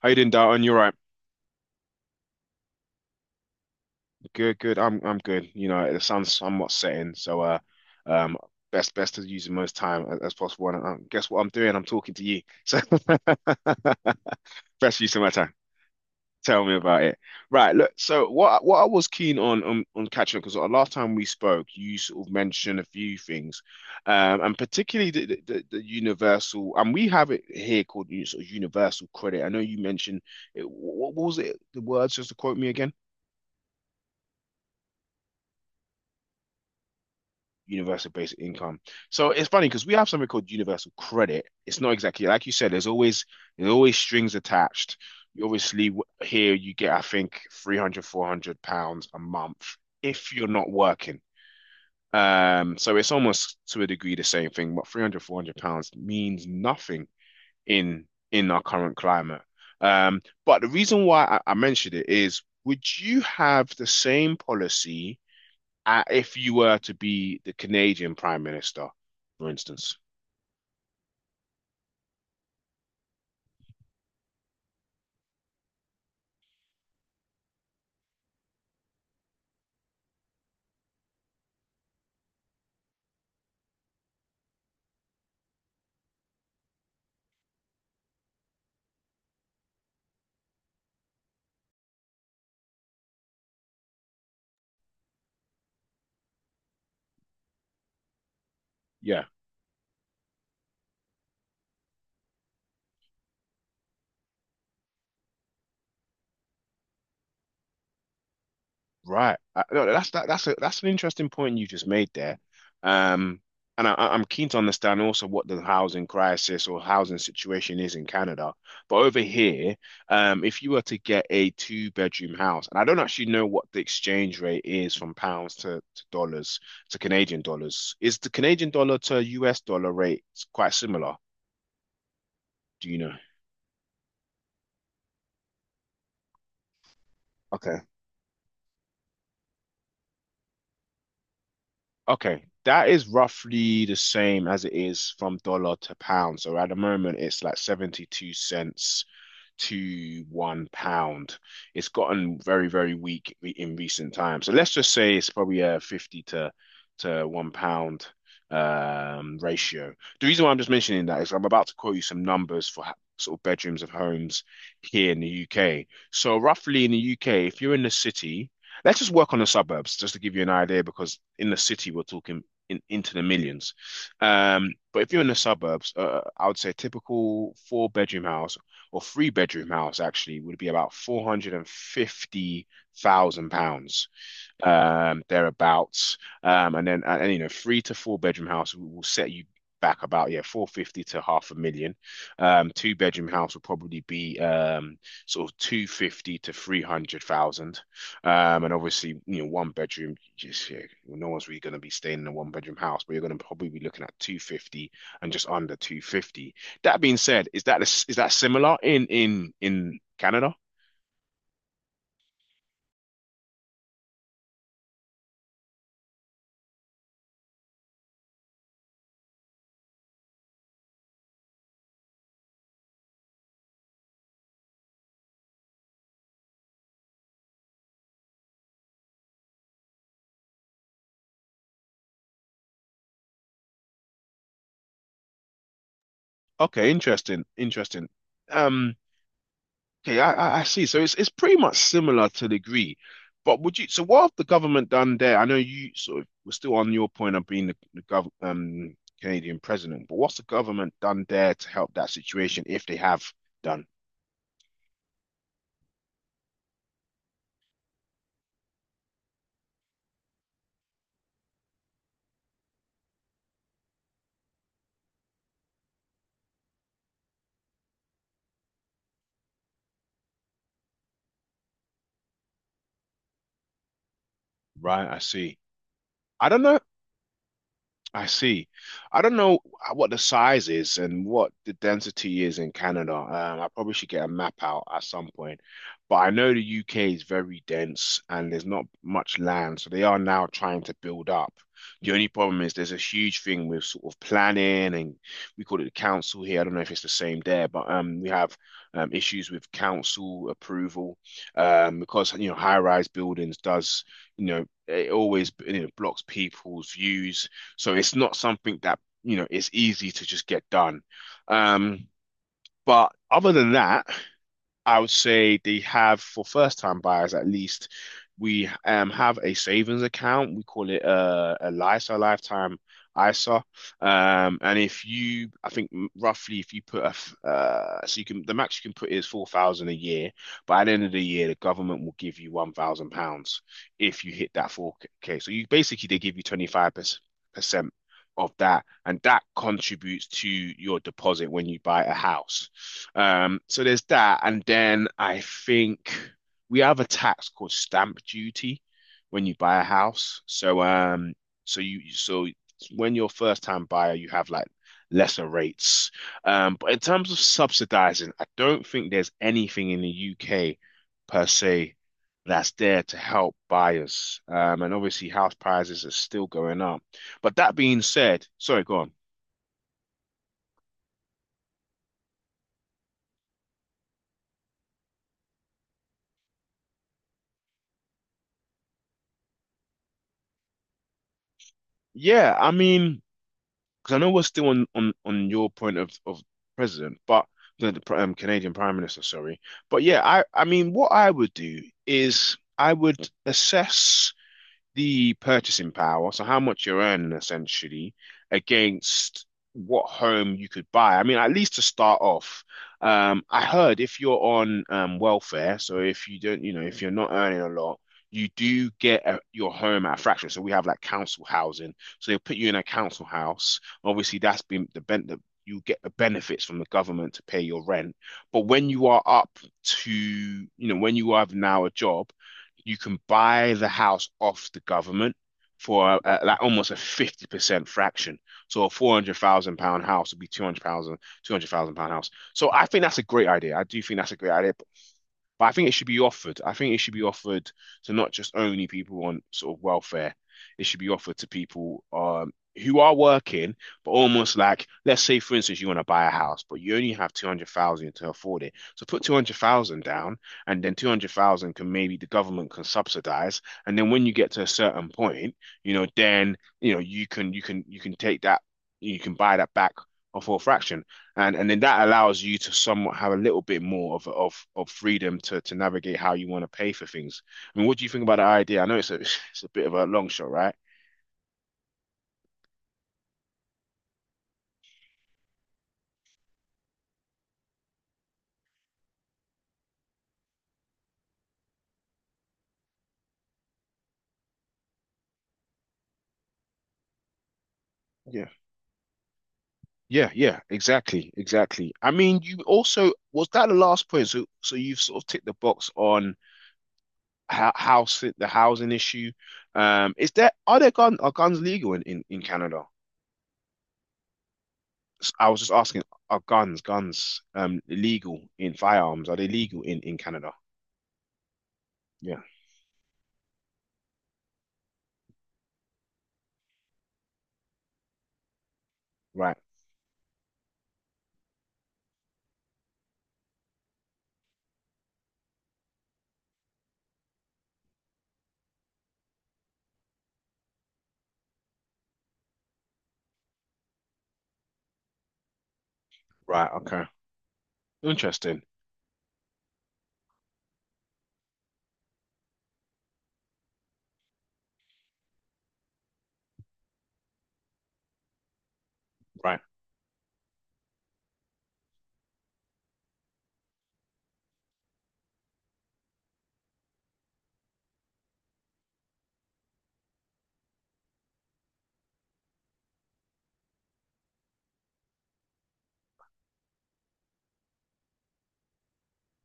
How you doing, Darton? You're right. Good, good. I'm good. You know, the sun's somewhat setting, so um, best to use the most time as possible. And guess what I'm doing? I'm talking to you. So best use of my time. Tell me about it. Right. Look. So what I was keen on catching up, because last time we spoke, you sort of mentioned a few things, and particularly the universal. And we have it here called, you sort of, universal credit. I know you mentioned it. What was it? The words, just to quote me again. Universal basic income. So it's funny because we have something called universal credit. It's not exactly like you said. There's always, there's always strings attached. You obviously, here you get, I think, 300 400 pounds a month if you're not working. So it's almost to a degree the same thing, but 300 400 pounds means nothing in in our current climate. But the reason why I mentioned it is, would you have the same policy? If you were to be the Canadian Prime Minister, for instance. Yeah, right. No, that's that, that's a, that's an interesting point you just made there. Um, am keen to understand also what the housing crisis or housing situation is in Canada. But over here, if you were to get a two-bedroom house, and I don't actually know what the exchange rate is from pounds to dollars to Canadian dollars. Is the Canadian dollar to US dollar rate quite similar? Do you know? Okay. Okay, that is roughly the same as it is from dollar to pound. So at the moment, it's like 72¢ to £1. It's gotten very, very weak in recent times. So let's just say it's probably a 50 to £1 ratio. The reason why I'm just mentioning that is I'm about to quote you some numbers for sort of bedrooms of homes here in the UK. So roughly in the UK, if you're in the city, let's just work on the suburbs, just to give you an idea, because in the city we're talking in, into the millions. But if you're in the suburbs, I would say a typical four-bedroom house or three-bedroom house actually would be about 450,000 pounds thereabouts. And then, you know, three to four bedroom house will set you back about, yeah, 450 to half a million. Two bedroom house will probably be sort of 250 to 300,000. And obviously, you know, one bedroom, just yeah, well, no one's really going to be staying in a one bedroom house, but you're going to probably be looking at 250 and just under 250. That being said, is that, is that similar in in Canada? Okay, interesting, interesting. Um, Okay, I see. So it's pretty much similar, to the degree, but would you? So what have the government done there? I know you sort of were still on your point of being the gov, Canadian president, but what's the government done there to help that situation, if they have done? Right, I see. I don't know. I see. I don't know what the size is and what the density is in Canada. I probably should get a map out at some point. But I know the UK is very dense and there's not much land. So they are now trying to build up. The only problem is there's a huge thing with sort of planning, and we call it the council here. I don't know if it's the same there, but we have issues with council approval because, you know, high-rise buildings does, you know, it always, you know, blocks people's views, so it's not something that, you know, is easy to just get done. Um, but other than that, I would say they have, for first-time buyers at least. We have a savings account. We call it a LISA, lifetime ISA. And if you, I think roughly, if you put so you can, the max you can put is 4,000 a year, but at the end of the year, the government will give you £1,000 if you hit that four K. So you basically, they give you 25% of that, and that contributes to your deposit when you buy a house. So there's that, and then I think we have a tax called stamp duty when you buy a house. So so you so when you're a first time buyer, you have like lesser rates. But in terms of subsidizing, I don't think there's anything in the UK per se that's there to help buyers. And obviously house prices are still going up. But that being said, sorry, go on. Yeah, I mean, because I know we're still on your point of president, but the Canadian Prime Minister, sorry. But yeah, I mean, what I would do is I would assess the purchasing power, so how much you're earning essentially, against what home you could buy. I mean, at least to start off, I heard if you're on welfare, so if you don't, you know, if you're not earning a lot, you do get your home at a fraction. So we have like council housing, so they'll put you in a council house. Obviously, that's been the bent, that you get the benefits from the government to pay your rent. But when you are up to, you know, when you have now a job, you can buy the house off the government for like almost a 50% fraction. So a 400,000 pound house would be 200,000, £200,000 house. So I think that's a great idea. I do think that's a great idea. But I think it should be offered. I think it should be offered to not just only people on sort of welfare. It should be offered to people who are working, but almost like, let's say, for instance, you want to buy a house, but you only have 200,000 to afford it. So put 200,000 down, and then 200,000 can, maybe the government can subsidize. And then when you get to a certain point, you know, then, you know, you can take that, you can buy that back for a fraction. And then that allows you to somewhat have a little bit more of freedom to navigate how you want to pay for things. I mean, what do you think about the idea? I know it's a it's a bit of a long shot, right? Yeah. Yeah, yeah, exactly, exactly. I mean, you also, was that the last point? So so you've sort of ticked the box on how house, the housing issue. Is there, are there gun, are guns legal in Canada? I was just asking, are guns guns legal, in firearms? Are they legal in Canada? Yeah, right, right, okay. Interesting. Right.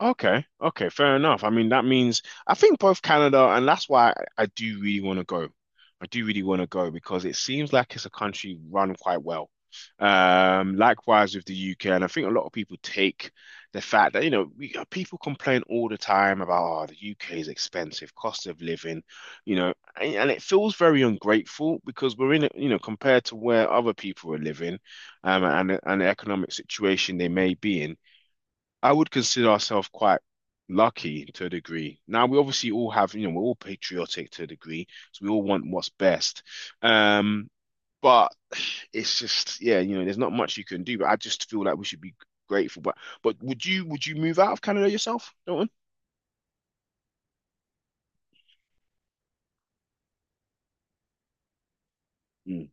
Okay. Okay. Fair enough. I mean, that means I think both Canada, and that's why I do really want to go. I do really want to go because it seems like it's a country run quite well. Likewise with the UK, and I think a lot of people take the fact that, you know, we, people complain all the time about, oh, the UK is expensive, cost of living, you know, and it feels very ungrateful, because we're in, it, you know, compared to where other people are living, and the economic situation they may be in, I would consider ourselves quite lucky to a degree. Now we obviously all have, you know, we're all patriotic to a degree, so we all want what's best. Um, but it's just, yeah, you know, there's not much you can do. But I just feel like we should be grateful. But would you, would you move out of Canada yourself, Dalton? Mm,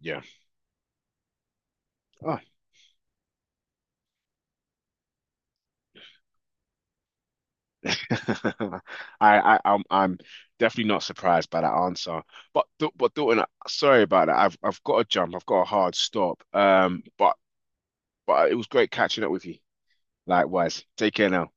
yeah. Oh. I'm definitely not surprised by that answer. But Dalton, sorry about that. I've got to jump. I've got a hard stop. But it was great catching up with you. Likewise. Take care now.